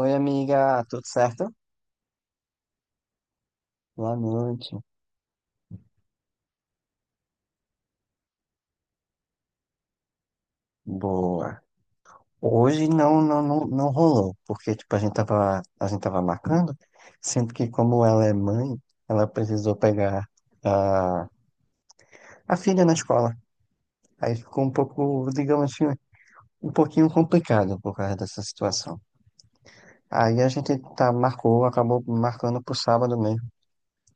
Oi, amiga, tudo certo? Boa noite. Boa. Hoje não rolou, porque tipo, a gente tava marcando, sendo que como ela é mãe, ela precisou pegar a, a filha na escola. Aí ficou um pouco, digamos assim, um pouquinho complicado por causa dessa situação. Aí a gente acabou marcando pro sábado mesmo.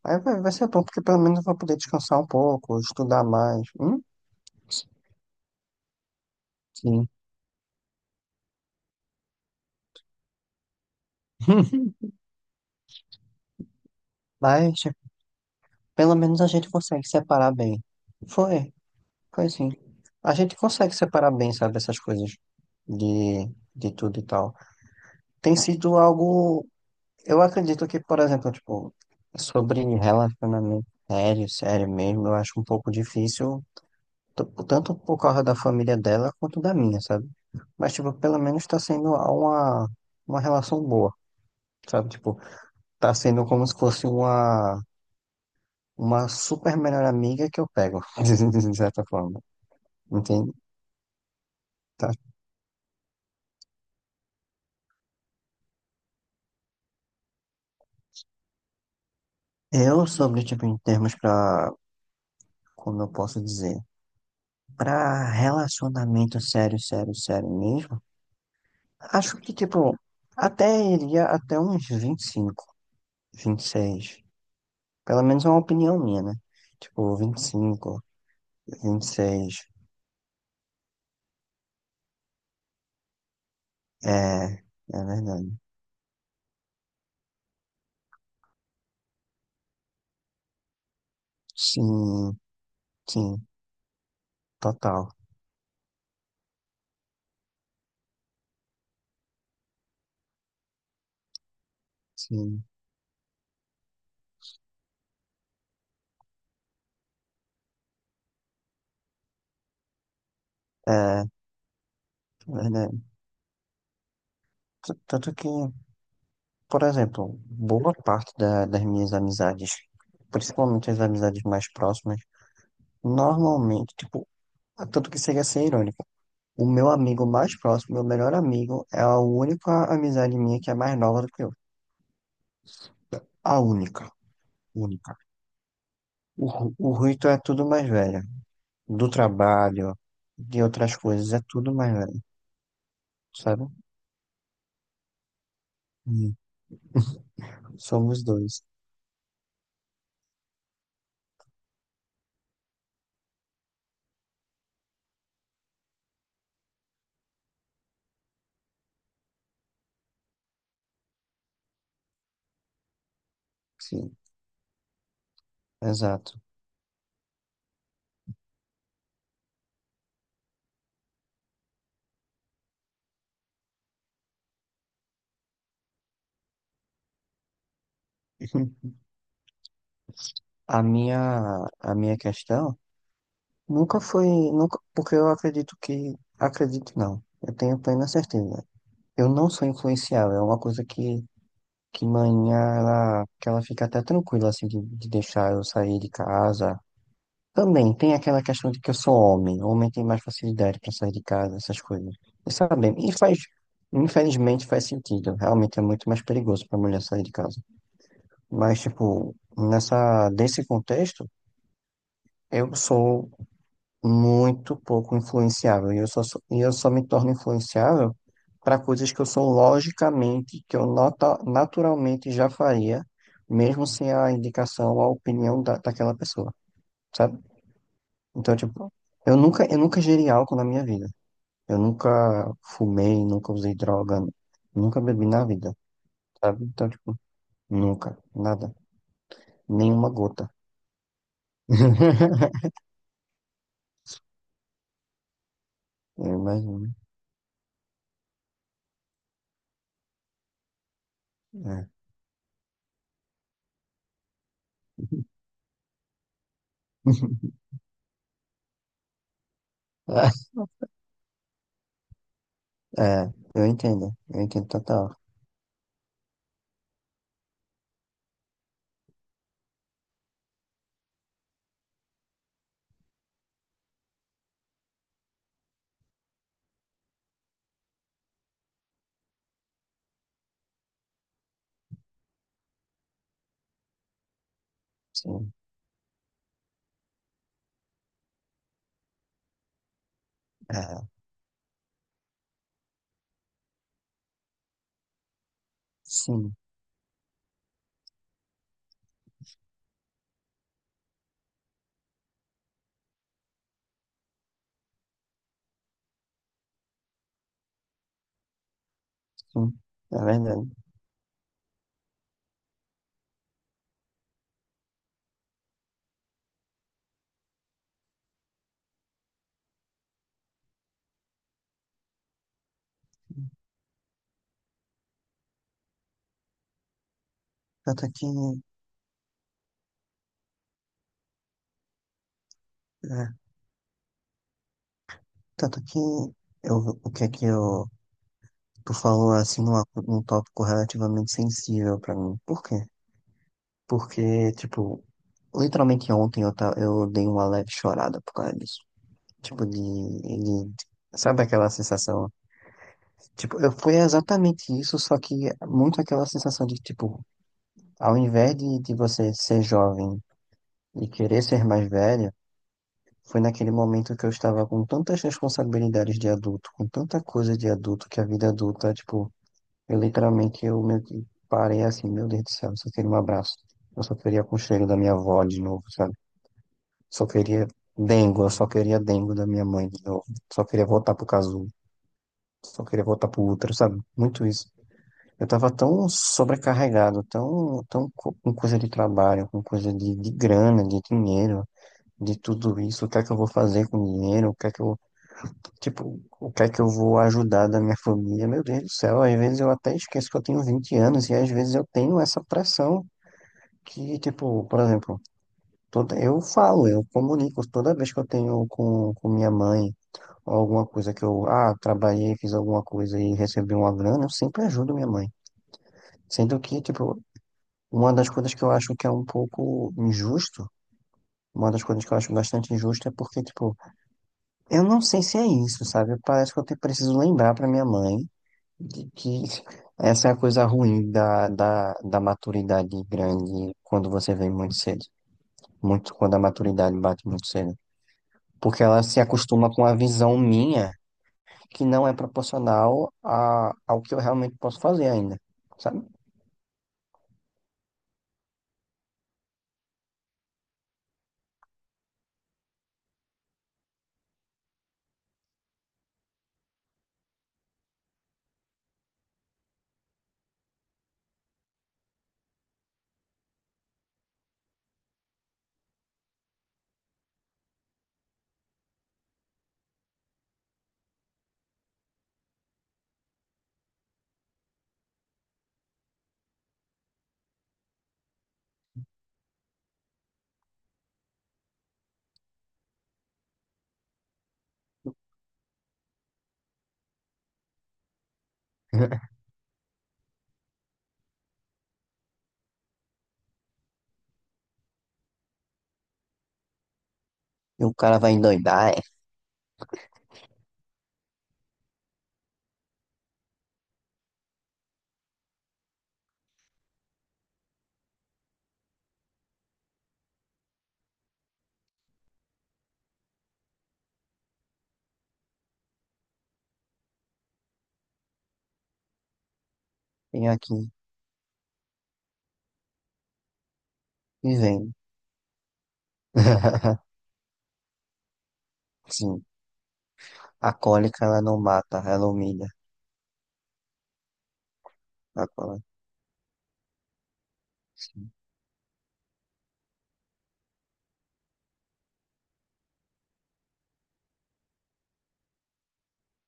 Aí vai ser bom, porque pelo menos eu vou poder descansar um pouco, estudar mais. Hum? Sim. Mas pelo menos a gente consegue separar bem. Foi, foi sim. A gente consegue separar bem, sabe, essas coisas de, de tudo e tal. Tem sido algo, eu acredito que, por exemplo, tipo, sobre relacionamento sério, sério mesmo, eu acho um pouco difícil, tanto por causa da família dela quanto da minha, sabe? Mas, tipo, pelo menos tá sendo uma relação boa, sabe? Tipo, tá sendo como se fosse uma super melhor amiga que eu pego, de certa forma. Entende? Tá. Eu sobre, tipo, em termos pra, como eu posso dizer, pra relacionamento sério, sério, sério mesmo, acho que, tipo, até iria até uns 25, seis. Pelo menos é uma opinião minha, né? Tipo, 25, seis. É, é verdade. Sim, sim, total. Sim, é, é verdade. Tanto que, por exemplo, boa parte das minhas amizades, principalmente as amizades mais próximas, normalmente, tipo, tanto que chega a ser irônico, o meu amigo mais próximo, meu melhor amigo, é a única amizade minha que é mais nova do que eu. A única, única. O Rito é tudo mais velho, do trabalho, de outras coisas, é tudo mais velho, sabe? Hum. Somos dois, sim, exato. A minha questão nunca foi, nunca, porque eu acredito que, acredito não, eu tenho plena certeza. Eu não sou influenciável, é uma coisa que manhã ela, que ela fica até tranquila, assim, de deixar eu sair de casa. Também tem aquela questão de que eu sou homem, homem tem mais facilidade para sair de casa, essas coisas. E sabe, e faz, infelizmente faz sentido, realmente é muito mais perigoso para mulher sair de casa. Mas, tipo, nessa, desse contexto, eu sou muito pouco influenciável. E eu só, sou- e eu só me torno influenciável para coisas que eu sou logicamente, que eu nota, naturalmente já faria, mesmo sem a indicação ou a opinião daquela pessoa, sabe? Então, tipo, eu nunca gerei álcool na minha vida. Eu nunca fumei, nunca usei droga, nunca bebi na vida, sabe? Então, tipo, nunca, nada, nenhuma gota. Eu imagino. É. É, eu entendo total. Sim, é, sim, sim, é verdade. Tanto que, é, tanto que eu, o que é que eu, tu falou assim num, num tópico relativamente sensível pra mim. Por quê? Porque, tipo, literalmente ontem eu, eu dei uma leve chorada por causa disso. Tipo, de, sabe aquela sensação? Tipo, eu fui exatamente isso, só que muito aquela sensação de, tipo, ao invés de você ser jovem e querer ser mais velho, foi naquele momento que eu estava com tantas responsabilidades de adulto, com tanta coisa de adulto, que a vida adulta, tipo, eu literalmente eu meio que parei assim, meu Deus do céu, eu só queria um abraço. Eu só queria com o cheiro da minha avó de novo, sabe? Só queria dengo, eu só queria dengo da minha mãe de novo. Só queria voltar pro casulo, só queria voltar pro útero, sabe? Muito isso. Eu tava tão sobrecarregado, tão, tão com coisa de trabalho, com coisa de grana, de dinheiro, de tudo isso. O que é que eu vou fazer com o dinheiro? O que é que eu... tipo, o que é que eu vou ajudar da minha família? Meu Deus do céu, às vezes eu até esqueço que eu tenho 20 anos e às vezes eu tenho essa pressão que, tipo, por exemplo, toda, eu falo, eu comunico toda vez que eu tenho com minha mãe ou alguma coisa que eu, ah, trabalhei, fiz alguma coisa e recebi uma grana, eu sempre ajudo minha mãe. Sendo que, tipo, uma das coisas que eu acho que é um pouco injusto, uma das coisas que eu acho bastante injusta é porque, tipo, eu não sei se é isso, sabe? Parece que eu preciso lembrar pra minha mãe de que essa é a coisa ruim da maturidade grande quando você vem muito cedo. Muito quando a maturidade bate muito cedo. Porque ela se acostuma com a visão minha que não é proporcional a, ao que eu realmente posso fazer ainda, sabe? E o cara vai endoidar, é, vem aqui e vem. Sim, a cólica ela não mata, ela humilha. A cólica, sim.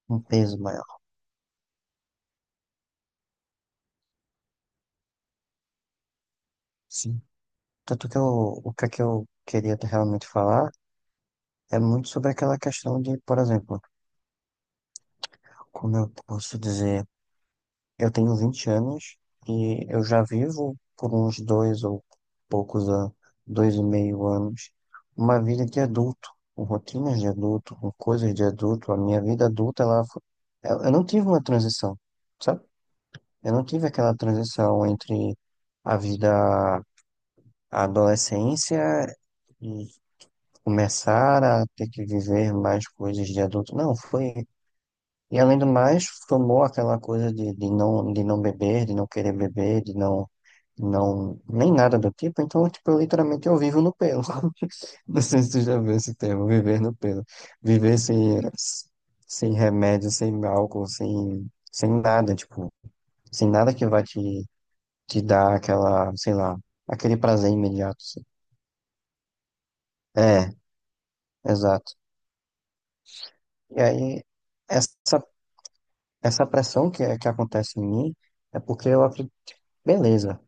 Um peso maior. Sim. Tanto que eu, o que é que eu queria realmente falar é muito sobre aquela questão de, por exemplo, como eu posso dizer, eu tenho 20 anos e eu já vivo por uns dois ou poucos anos, 2,5 anos, uma vida de adulto, com rotinas de adulto, com coisas de adulto. A minha vida adulta, ela, eu não tive uma transição, sabe? Eu não tive aquela transição entre a vida, a adolescência e começar a ter que viver mais coisas de adulto. Não, foi... e além do mais, formou aquela coisa de não, de não beber, de não querer beber, de não, não, nem nada do tipo. Então, tipo, eu literalmente eu vivo no pelo. Não sei se tu já viu esse termo, viver no pelo. Viver sem, sem remédio, sem álcool, sem, sem nada, tipo, sem nada que vai te, te dar aquela, sei lá, aquele prazer imediato assim. É, exato. E aí, essa, essa pressão que, é, que acontece em mim é porque eu acredito, beleza.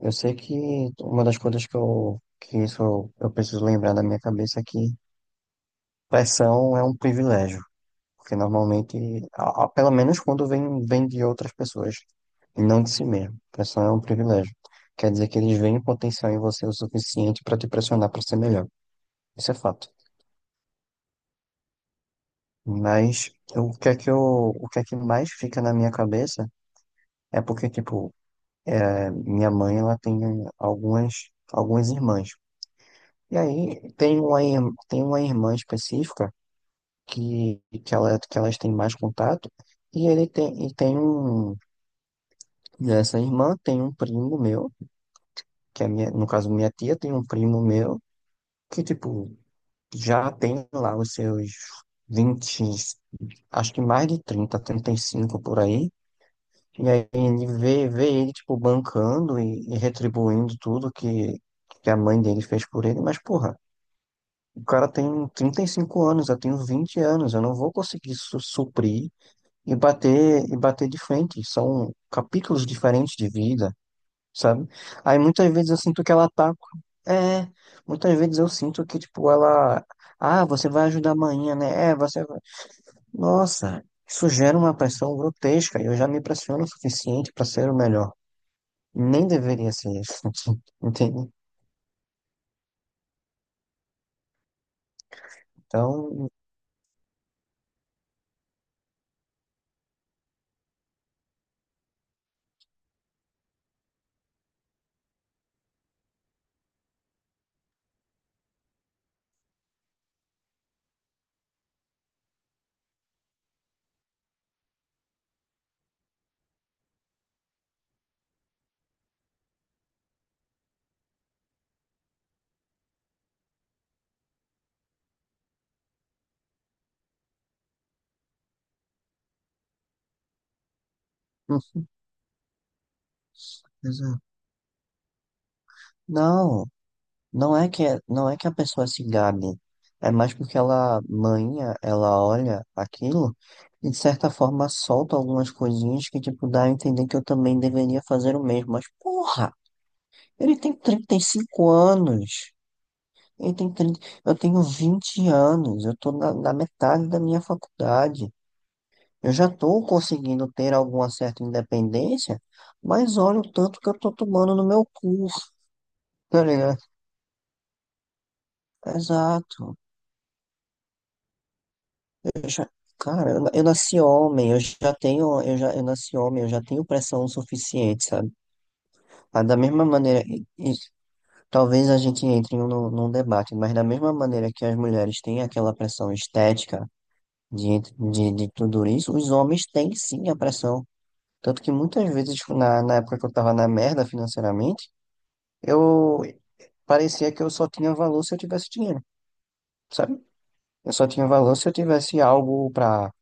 Eu sei que uma das coisas que eu, que isso eu preciso lembrar da minha cabeça é que pressão é um privilégio, porque normalmente, pelo menos quando vem, vem de outras pessoas, e não de si mesmo. Pressão é um privilégio. Quer dizer que eles veem potencial em você o suficiente para te pressionar para ser melhor. Isso é fato. Mas eu, o que é que eu, o que é que mais fica na minha cabeça é porque, tipo, é, minha mãe, ela tem algumas, algumas irmãs. E aí tem uma irmã específica que, ela, que elas têm mais contato. E ele tem, e tem um, essa irmã tem um primo meu, que é minha, no caso minha tia tem um primo meu, que tipo, já tem lá os seus 20, acho que mais de trinta, trinta e cinco por aí. E aí ele vê, vê ele, tipo, bancando e retribuindo tudo que a mãe dele fez por ele, mas porra. O cara tem 35 anos, eu tenho 20 anos, eu não vou conseguir suprir e bater de frente. São capítulos diferentes de vida, sabe? Aí muitas vezes eu sinto que ela tá. É, muitas vezes eu sinto que, tipo, ela... ah, você vai ajudar amanhã, né? É, você vai. Nossa, isso gera uma pressão grotesca. E eu já me pressiono o suficiente para ser o melhor. Nem deveria ser isso, entende? Então, hum, exato. Não. Não é que, é, não é que a pessoa se gabe, é mais porque ela, manha, ela olha aquilo e de certa forma solta algumas coisinhas que, tipo, dá a entender que eu também deveria fazer o mesmo. Mas, porra, ele tem 35 anos, ele tem 30, eu tenho 20 anos, eu tô na, na metade da minha faculdade. Eu já tô conseguindo ter alguma certa independência, mas olha o tanto que eu tô tomando no meu cu, tá ligado? Exato. Eu já, cara, eu nasci homem, eu já tenho, eu já, eu nasci homem, eu já tenho pressão suficiente, sabe? Mas da mesma maneira, e talvez a gente entre em num debate, mas da mesma maneira que as mulheres têm aquela pressão estética de tudo isso, os homens têm sim a pressão. Tanto que muitas vezes, tipo, na, na época que eu tava na merda financeiramente, eu parecia que eu só tinha valor se eu tivesse dinheiro, sabe? Eu só tinha valor se eu tivesse algo pra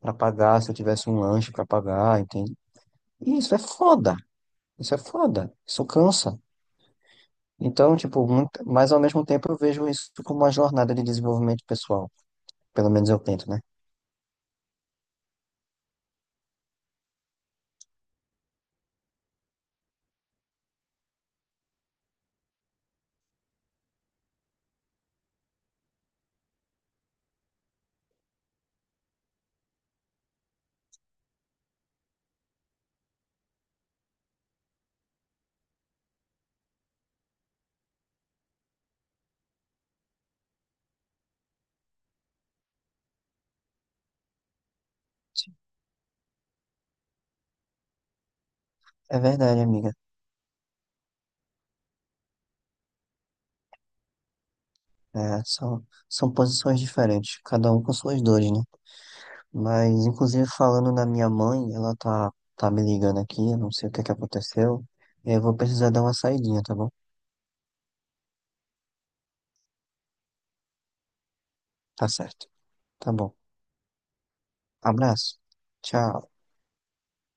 para pagar, se eu tivesse um lanche para pagar, entende? E isso é foda. Isso é foda. Isso cansa. Então, tipo, muito... mas ao mesmo tempo eu vejo isso como uma jornada de desenvolvimento pessoal. Pelo menos eu tento, né? É verdade, amiga. É, são, são posições diferentes, cada um com suas dores, né? Mas, inclusive, falando na minha mãe, ela tá, tá me ligando aqui, eu não sei o que é que aconteceu. Eu vou precisar dar uma saidinha, tá bom? Tá certo. Tá bom. Abraço. Tchau.